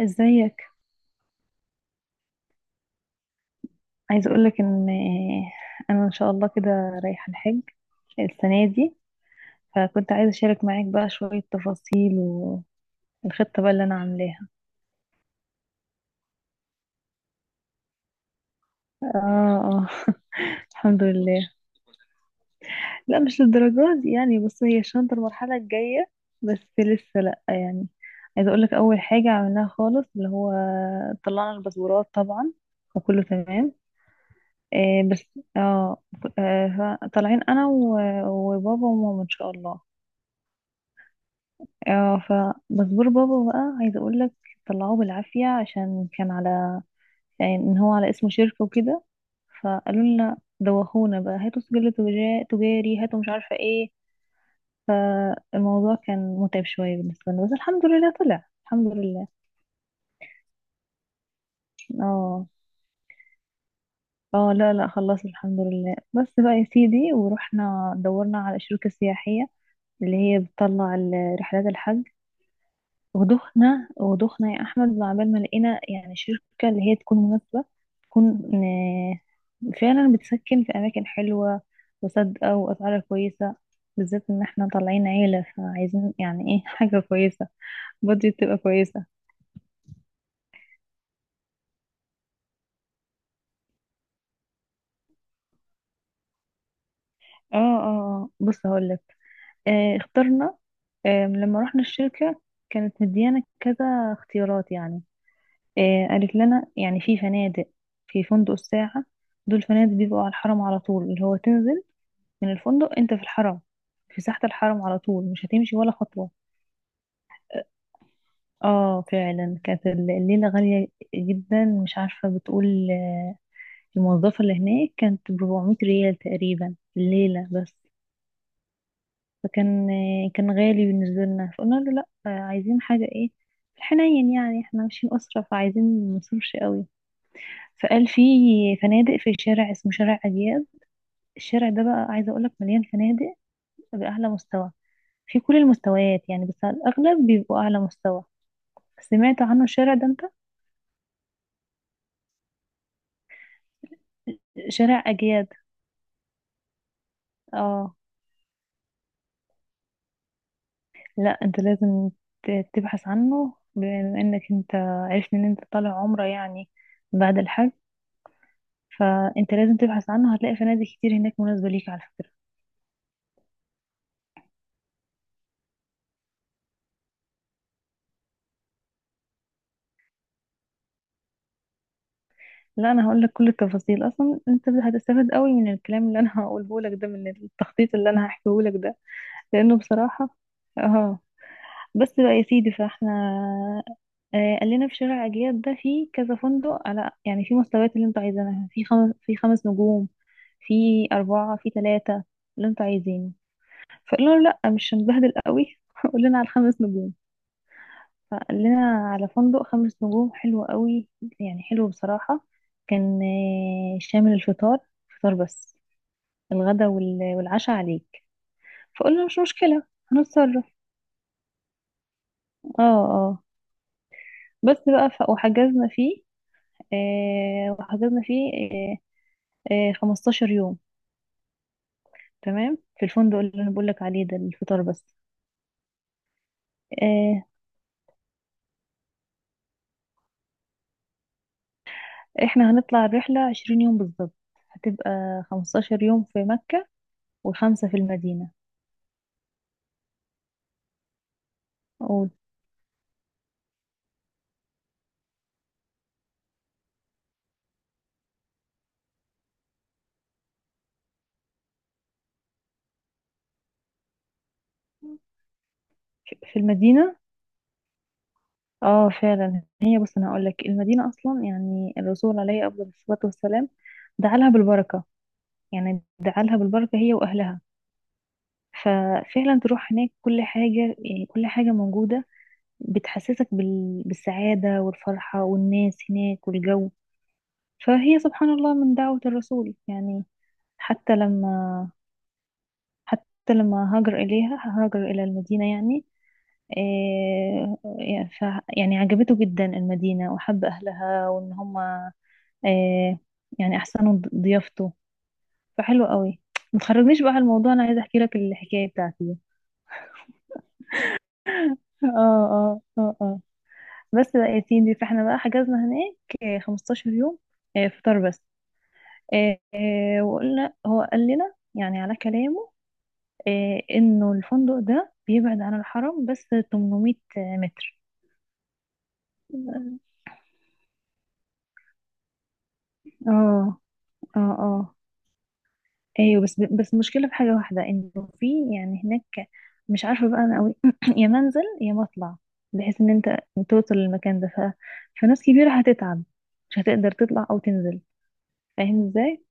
ازيك؟ عايزه اقولك ان انا ان شاء الله كده رايحه الحج السنه دي. فكنت عايزه اشارك معاك بقى شويه تفاصيل والخطه بقى اللي انا عاملاها. اه، اه. الحمد لله. لا، مش للدرجات دي يعني. بص هي الشنطه المرحله الجايه، بس لسه لا يعني. عايزه اقولك اول حاجه عملناها خالص اللي هو طلعنا الباسبورات طبعا، وكله تمام. بس اه طالعين انا وبابا وماما ان شاء الله. اه، فمزبور بابا بقى عايزه اقول لك، طلعوه بالعافيه عشان كان على، يعني ان هو على اسمه شركه وكده. فقالوا لنا دوخونا بقى، هاتوا سجل تجاري، هاتوا مش عارفه ايه. فالموضوع كان متعب شويه بالنسبه لنا، بس الحمد لله طلع، الحمد لله. اه. اه، لا لا، خلاص الحمد لله. بس بقى يا سيدي، ورحنا دورنا على شركه سياحيه اللي هي بتطلع رحلات الحج. ودخنا ودخنا يا احمد، وعبال ما لقينا يعني شركه اللي هي تكون مناسبه، تكون فعلا بتسكن في اماكن حلوه وصادقه، واسعارها كويسه، بالذات ان احنا طالعين عيله فعايزين يعني ايه حاجه كويسه، بادجت تبقى كويسه. اه، اه. بص هقول لك. اخترنا. لما رحنا الشركه كانت مديانا كذا اختيارات يعني. قالت لنا يعني في فنادق، في فندق الساعه. دول فنادق بيبقوا على الحرم على طول، اللي هو تنزل من الفندق انت في الحرم، في ساحة الحرم على طول، مش هتمشي ولا خطوة. اه فعلا كانت الليلة غالية جدا، مش عارفة بتقول الموظفة اللي هناك، كانت بربعمية ريال تقريبا الليلة بس. فكان كان غالي بالنسبة لنا، فقلنا له لا، عايزين حاجة ايه في الحنين، يعني احنا ماشيين أسرة فعايزين منصرفش قوي. فقال في فنادق في شارع اسمه شارع أجياد. الشارع ده بقى عايزة أقولك مليان فنادق بأعلى مستوى، في كل المستويات يعني، بس على الأغلب بيبقوا أعلى مستوى. سمعت عنه الشارع ده أنت؟ شارع أجياد. اه. لا أنت لازم تبحث عنه، بما إنك أنت عرفت إن أنت طالع عمرة يعني بعد الحج. فأنت لازم تبحث عنه، هتلاقي فنادق كتير هناك مناسبة ليك على فكرة. لا أنا هقول لك كل التفاصيل، أصلا أنت هتستفاد قوي من الكلام اللي أنا هقوله لك ده، من التخطيط اللي أنا هحكيه لك ده. لأنه بصراحة. اه بس بقى يا سيدي، فاحنا قال لنا في شارع أجياد ده في كذا فندق على، يعني في مستويات اللي انتوا عايزينها، في خمس نجوم، في أربعة، في ثلاثة، اللي انتوا عايزينه. فقلنا له لأ مش هنبهدل قوي قول لنا على الخمس نجوم. فقال لنا على فندق خمس نجوم حلو قوي، يعني حلو بصراحة. كان شامل الفطار، فطار بس. الغدا والعشاء عليك. فقلنا مش مشكلة، هنتصرف. اه. اه. بس بقى وحجزنا فيه. وحضرنا فيه 15 يوم. تمام. في الفندق اللي انا بقول لك عليه ده الفطار بس. آه احنا هنطلع الرحلة 20 يوم بالظبط. هتبقى 15 يوم في مكة، وخمسة في المدينة و- في المدينة. اه فعلا هي، بص انا هقول لك المدينة اصلا يعني الرسول عليه افضل الصلاة والسلام دعالها بالبركة، يعني دعالها بالبركة هي واهلها. ففعلا تروح هناك كل حاجة يعني، كل حاجة موجودة بتحسسك بالسعادة والفرحة، والناس هناك والجو. فهي سبحان الله من دعوة الرسول يعني. حتى لما حتى لما هاجر إليها، هاجر إلى المدينة، يعني إيه يعني يعني عجبته جدا المدينة، وحب أهلها وإن هما إيه، يعني أحسنوا ضيافته. فحلو قوي. ما تخرجنيش بقى على الموضوع، أنا عايزة أحكي لك الحكاية بتاعتي. اه، اه، اه، اه. بس بقى يا سيدي فاحنا بقى حجزنا هناك 15 يوم، فطار بس. وقلنا هو قال لنا يعني على كلامه انه الفندق ده بيبعد عن الحرم بس 800 متر. اه، اه، اه. ايوه، بس المشكله في حاجه واحده، انه في يعني هناك، مش عارفه بقى انا قوي. يا منزل يا مطلع، بحيث ان انت توصل للمكان ده فناس كبيره هتتعب، مش هتقدر تطلع او تنزل، فاهم ازاي؟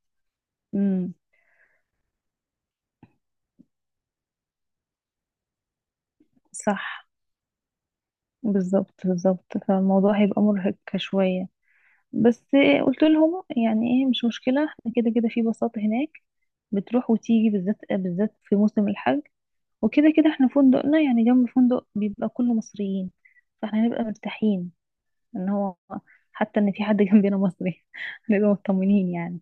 امم. صح، بالظبط بالظبط، فالموضوع هيبقى مرهق شويه بس. قلت لهم يعني ايه مش مشكلة، احنا كده كده في بساطة هناك، بتروح وتيجي بالذات بالذات في موسم الحج. وكده كده احنا فندقنا يعني جنب فندق بيبقى كله مصريين، فاحنا هنبقى مرتاحين. ان هو حتى ان في حد جنبنا مصري هنبقى مطمنين يعني.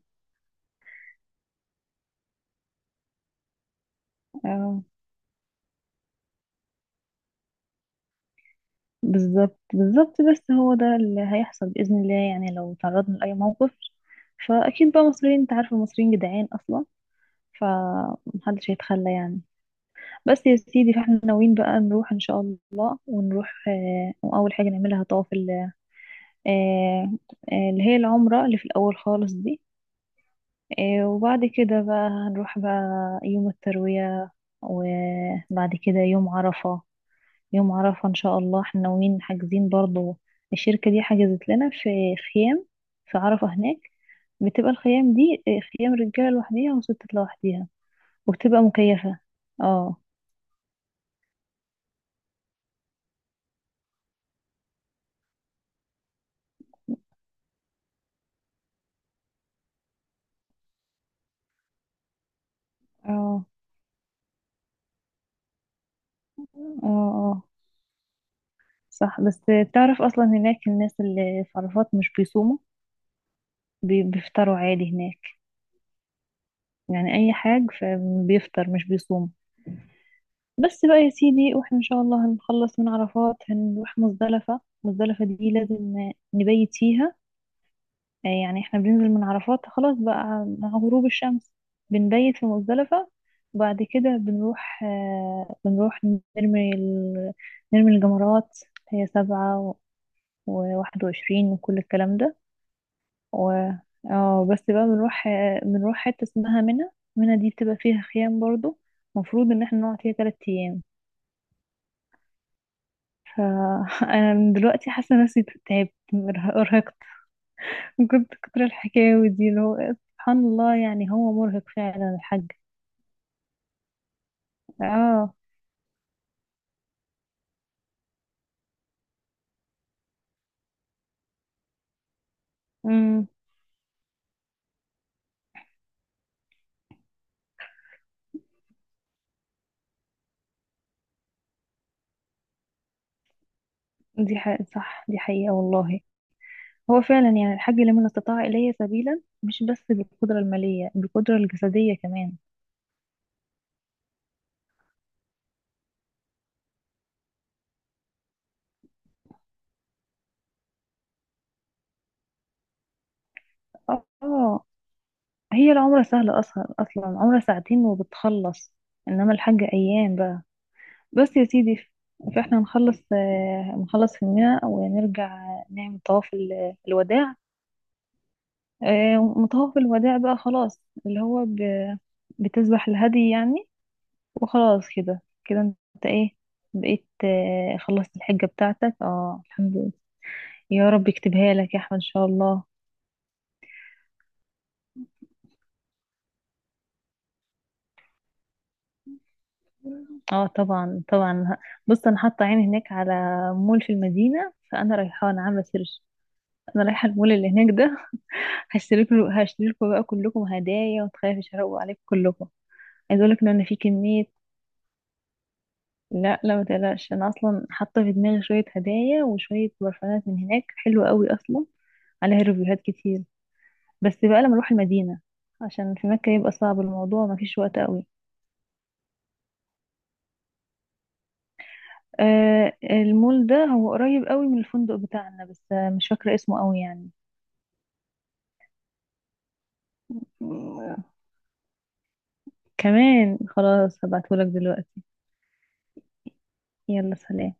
اه، بالظبط بالظبط. بس هو ده اللي هيحصل بإذن الله، يعني لو تعرضنا لأي موقف فأكيد بقى مصريين، انت عارفة المصريين جدعان أصلا، فمحدش هيتخلى يعني. بس يا سيدي فاحنا ناويين بقى نروح ان شاء الله، ونروح واول حاجه نعملها طواف آه اللي هي العمره اللي في الاول خالص دي. وبعد كده بقى هنروح بقى يوم الترويه، وبعد كده يوم عرفه. يوم عرفه ان شاء الله احنا ناويين، حاجزين برضو، الشركه دي حجزت لنا في خيام في عرفه هناك. بتبقى الخيام دي خيام رجاله لوحديها وستات لوحديها، وبتبقى مكيفه. اه، اه، اه، اه. صح، بس تعرف اصلا هناك الناس اللي في عرفات مش بيصوموا، بيفطروا عادي هناك، يعني اي حاجة، فبيفطر مش بيصوم. بس بقى يا سيدي، واحنا ان شاء الله هنخلص من عرفات هنروح مزدلفة. مزدلفة دي لازم نبيت فيها. يعني احنا بننزل من عرفات خلاص بقى مع غروب الشمس، بنبيت في مزدلفة. وبعد كده بنروح نرمي ال... نرمي الجمرات. هي سبعة و21، وكل الكلام ده. و اه بس بقى بنروح حتة اسمها منى. منى دي بتبقى فيها خيام برضو، المفروض ان احنا نقعد فيها تلات ايام. فانا من دلوقتي حاسة نفسي تعبت، ارهقت. كنت كتر الحكاوي دي اللي هو سبحان الله، يعني هو مرهق فعلا الحاج. اه. امم. دي حقيقة، صح، دي حقيقة والله. هو فعلا يعني الحاج لمن استطاع إليه سبيلا، مش بس بالقدرة المالية، بالقدرة الجسدية كمان. اه. هي العمرة سهلة أصلا، أصلا عمرة ساعتين وبتخلص، إنما الحج أيام بقى. بس يا سيدي فإحنا نخلص هنا ونرجع، نعمل طواف الوداع. وطواف الوداع بقى خلاص اللي هو بتذبح الهدي يعني. وخلاص كده كده أنت إيه بقيت، خلصت الحجة بتاعتك. اه الحمد لله. يا رب يكتبها لك يا أحمد إن شاء الله. اه، طبعا طبعا. بص انا حاطه عيني هناك على مول في المدينه، فانا رايحه، انا عامله سيرش، انا رايحه المول اللي هناك ده. هشتري لكم بقى كلكم هدايا، وتخافي اشرقوا عليكم كلكم. عايز اقول لك ان انا في كميه. لا لا ما تقلقش، انا اصلا حاطه في دماغي شويه هدايا وشويه برفانات من هناك حلوه قوي اصلا، عليها ريفيوهات كتير. بس بقى لما اروح المدينه، عشان في مكه يبقى صعب الموضوع، ما فيش وقت قوي. المول ده هو قريب قوي من الفندق بتاعنا، بس مش فاكره اسمه قوي يعني. كمان خلاص، هبعتهولك دلوقتي. يلا سلام.